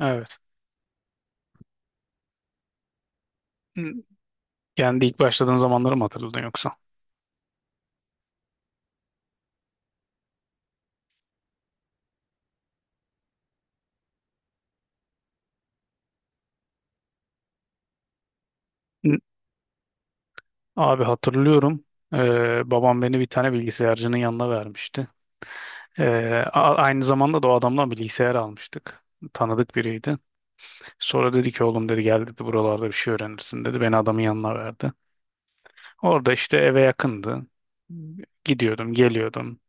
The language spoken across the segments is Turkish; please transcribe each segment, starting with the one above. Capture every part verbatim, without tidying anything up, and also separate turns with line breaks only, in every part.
Evet. Hı. Yani ilk başladığın zamanları mı hatırladın yoksa? Hı. Abi hatırlıyorum. Ee, babam beni bir tane bilgisayarcının yanına vermişti. Ee, a- Aynı zamanda da o adamdan bilgisayar almıştık. Tanıdık biriydi. Sonra dedi ki oğlum dedi gel dedi buralarda bir şey öğrenirsin dedi. Beni adamın yanına verdi. Orada işte eve yakındı. Gidiyordum, geliyordum.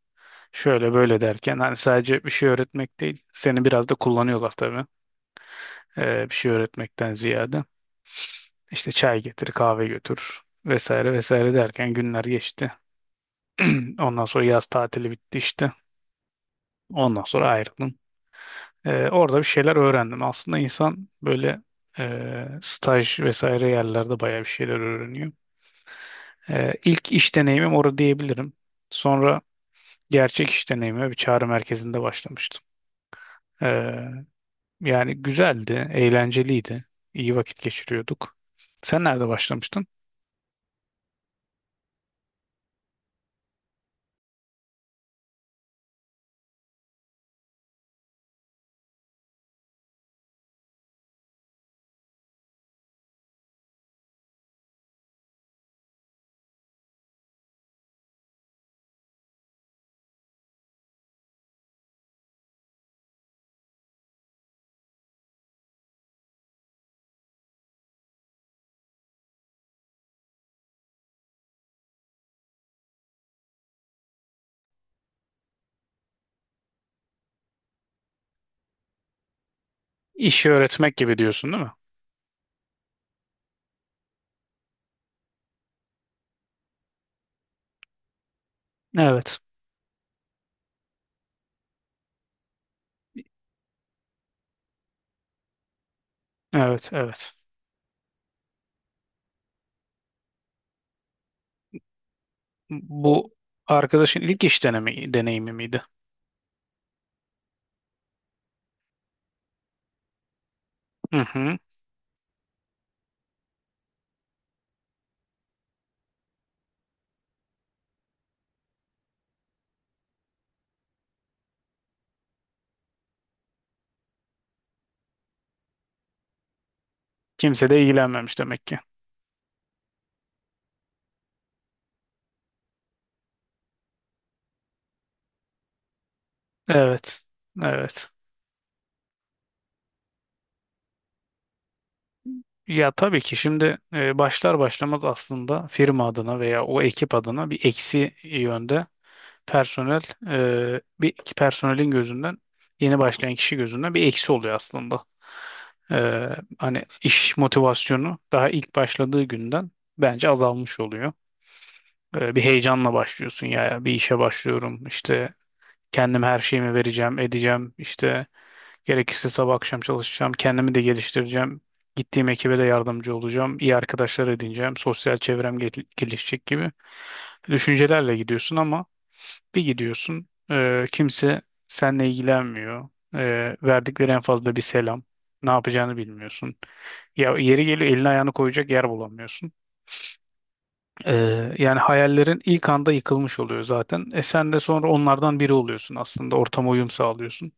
Şöyle böyle derken hani sadece bir şey öğretmek değil. Seni biraz da kullanıyorlar tabii. Ee, bir şey öğretmekten ziyade. İşte çay getir, kahve götür vesaire vesaire derken günler geçti. Ondan sonra yaz tatili bitti işte. Ondan sonra ayrıldım. Ee, orada bir şeyler öğrendim. Aslında insan böyle e, staj vesaire yerlerde bayağı bir şeyler öğreniyor. Ee, ilk iş deneyimim orada diyebilirim. Sonra gerçek iş deneyime bir çağrı merkezinde başlamıştım. Ee, Yani güzeldi, eğlenceliydi. İyi vakit geçiriyorduk. Sen nerede başlamıştın? İşi öğretmek gibi diyorsun, değil mi? Evet. Evet, evet. Bu arkadaşın ilk iş denemi, deneyimi miydi? Hı hı. Kimse de ilgilenmemiş demek ki. Evet. Evet. Ya tabii ki şimdi e, başlar başlamaz aslında firma adına veya o ekip adına bir eksi yönde personel e, bir personelin gözünden, yeni başlayan kişi gözünden bir eksi oluyor aslında. E, hani iş motivasyonu daha ilk başladığı günden bence azalmış oluyor. E, bir heyecanla başlıyorsun ya, ya bir işe başlıyorum işte, kendim her şeyimi vereceğim edeceğim işte, gerekirse sabah akşam çalışacağım. Kendimi de geliştireceğim. Gittiğim ekibe de yardımcı olacağım. İyi arkadaşlar edineceğim. Sosyal çevrem gel- gelişecek gibi düşüncelerle gidiyorsun ama bir gidiyorsun, e, kimse seninle ilgilenmiyor. E, verdikleri en fazla bir selam. Ne yapacağını bilmiyorsun. Ya yeri geliyor elini ayağını koyacak yer bulamıyorsun. Ee, yani hayallerin ilk anda yıkılmış oluyor zaten. E sen de sonra onlardan biri oluyorsun aslında. Ortama uyum sağlıyorsun.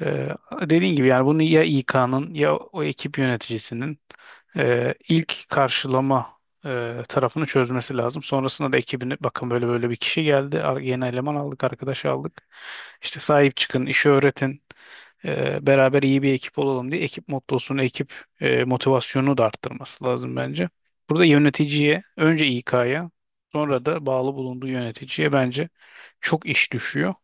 Ee, Dediğin gibi yani bunu ya İK'nın ya o ekip yöneticisinin e, ilk karşılama e, tarafını çözmesi lazım. Sonrasında da ekibini, bakın böyle böyle bir kişi geldi, ar- yeni eleman aldık, arkadaş aldık. İşte sahip çıkın, işi öğretin, e, beraber iyi bir ekip olalım diye ekip mottosunu, ekip e, motivasyonunu da arttırması lazım bence. Burada yöneticiye, önce İK'ya, sonra da bağlı bulunduğu yöneticiye bence çok iş düşüyor.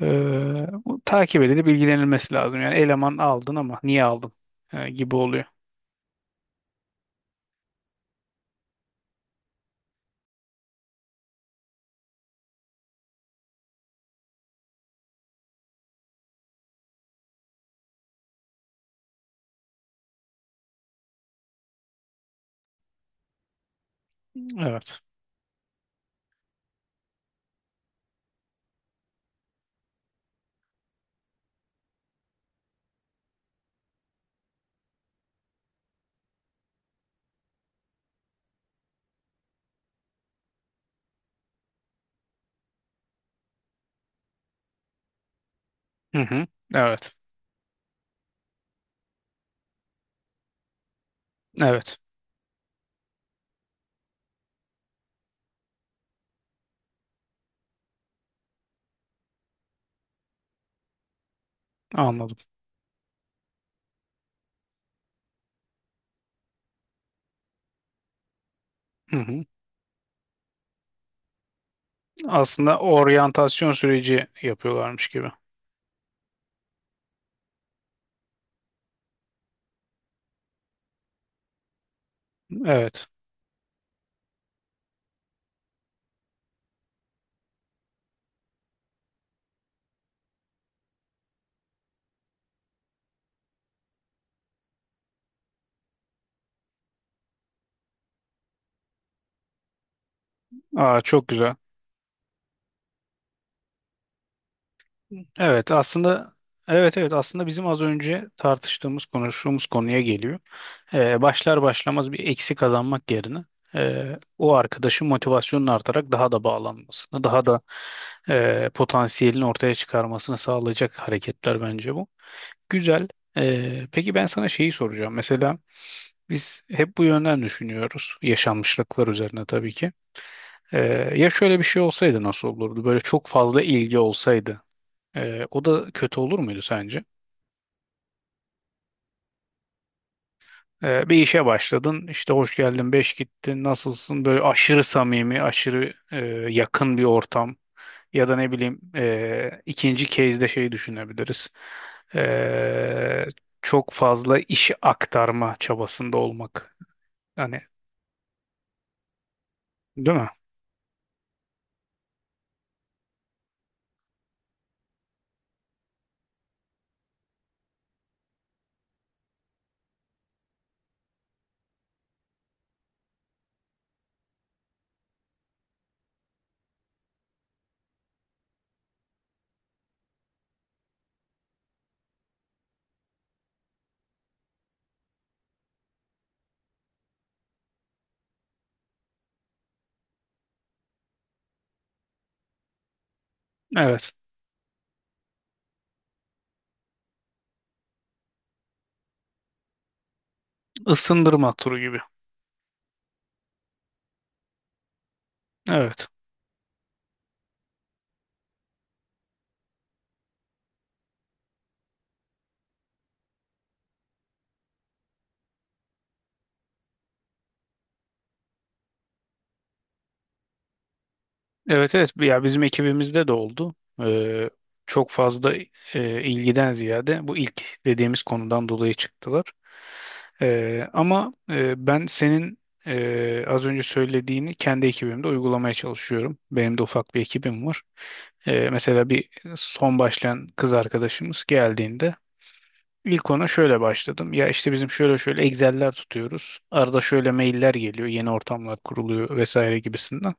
Ee, Bu takip edilip bilgilenilmesi lazım. Yani eleman aldın ama niye aldın, Ee, gibi oluyor. Evet. Hı hı. Evet. Evet. Anladım. Hı hı. Aslında oryantasyon süreci yapıyorlarmış gibi. Evet. Aa, çok güzel. Evet, aslında evet, evet, aslında bizim az önce tartıştığımız konuştuğumuz konuya geliyor. Ee, başlar başlamaz bir eksi kazanmak yerine e, o arkadaşın motivasyonun artarak daha da bağlanmasını, daha da e, potansiyelini ortaya çıkarmasını sağlayacak hareketler bence bu. Güzel. Ee, peki, ben sana şeyi soracağım. Mesela biz hep bu yönden düşünüyoruz. Yaşanmışlıklar üzerine tabii ki. Ee, Ya şöyle bir şey olsaydı nasıl olurdu? Böyle çok fazla ilgi olsaydı. Ee, o da kötü olur muydu sence? Ee, bir işe başladın, işte hoş geldin, beş gittin, nasılsın? Böyle aşırı samimi, aşırı e, yakın bir ortam. Ya da ne bileyim, e, ikinci case'de şey düşünebiliriz. Ee, Çok fazla işi aktarma çabasında olmak. Hani, değil mi? Evet. Isındırma turu gibi. Evet. Evet, evet, ya bizim ekibimizde de oldu. Ee, Çok fazla e, ilgiden ziyade bu ilk dediğimiz konudan dolayı çıktılar. Ee, ama e, ben senin e, az önce söylediğini kendi ekibimde uygulamaya çalışıyorum. Benim de ufak bir ekibim var. Ee, mesela bir son başlayan kız arkadaşımız geldiğinde ilk ona şöyle başladım. Ya işte bizim şöyle şöyle Excel'ler tutuyoruz. Arada şöyle mailler geliyor, yeni ortamlar kuruluyor vesaire gibisinden.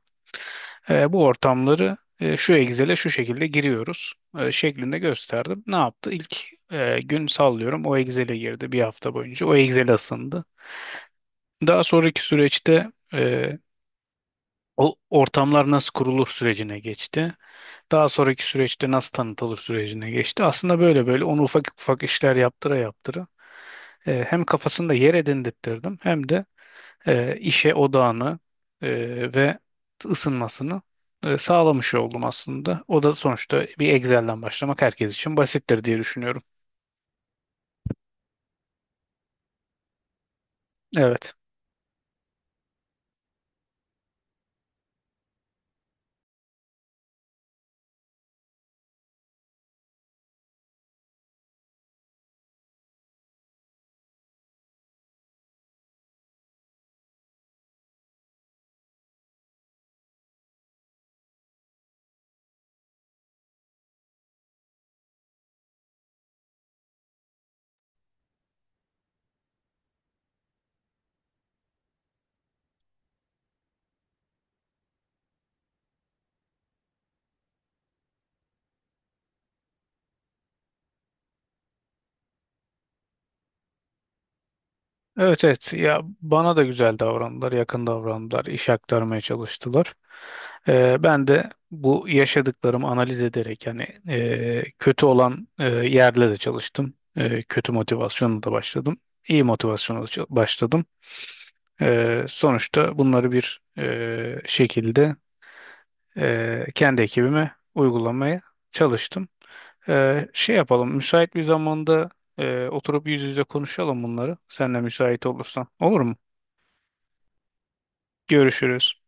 E, bu ortamları e, şu Excel'e şu şekilde giriyoruz e, şeklinde gösterdim. Ne yaptı? İlk e, gün, sallıyorum, o Excel'e girdi bir hafta boyunca. O Excel'e ısındı. Daha sonraki süreçte e, o ortamlar nasıl kurulur sürecine geçti. Daha sonraki süreçte nasıl tanıtılır sürecine geçti. Aslında böyle böyle onu ufak ufak işler yaptıra yaptıra e, hem kafasında yer edindirttirdim hem de e, işe odağını e, ve ısınmasını e, sağlamış oldum aslında. O da sonuçta bir Excel'den başlamak herkes için basittir diye düşünüyorum. Evet. Evet, evet, ya bana da güzel davrandılar, yakın davrandılar, iş aktarmaya çalıştılar. E, ben de bu yaşadıklarımı analiz ederek hani e, kötü olan e, yerle de çalıştım. E, kötü motivasyonla da başladım. İyi motivasyonla da ça- başladım. Ee, sonuçta bunları bir e, şekilde e, kendi ekibime uygulamaya çalıştım. E, şey yapalım, müsait bir zamanda e, oturup yüz yüze konuşalım bunları. Sen de müsait olursan. Olur mu? Görüşürüz.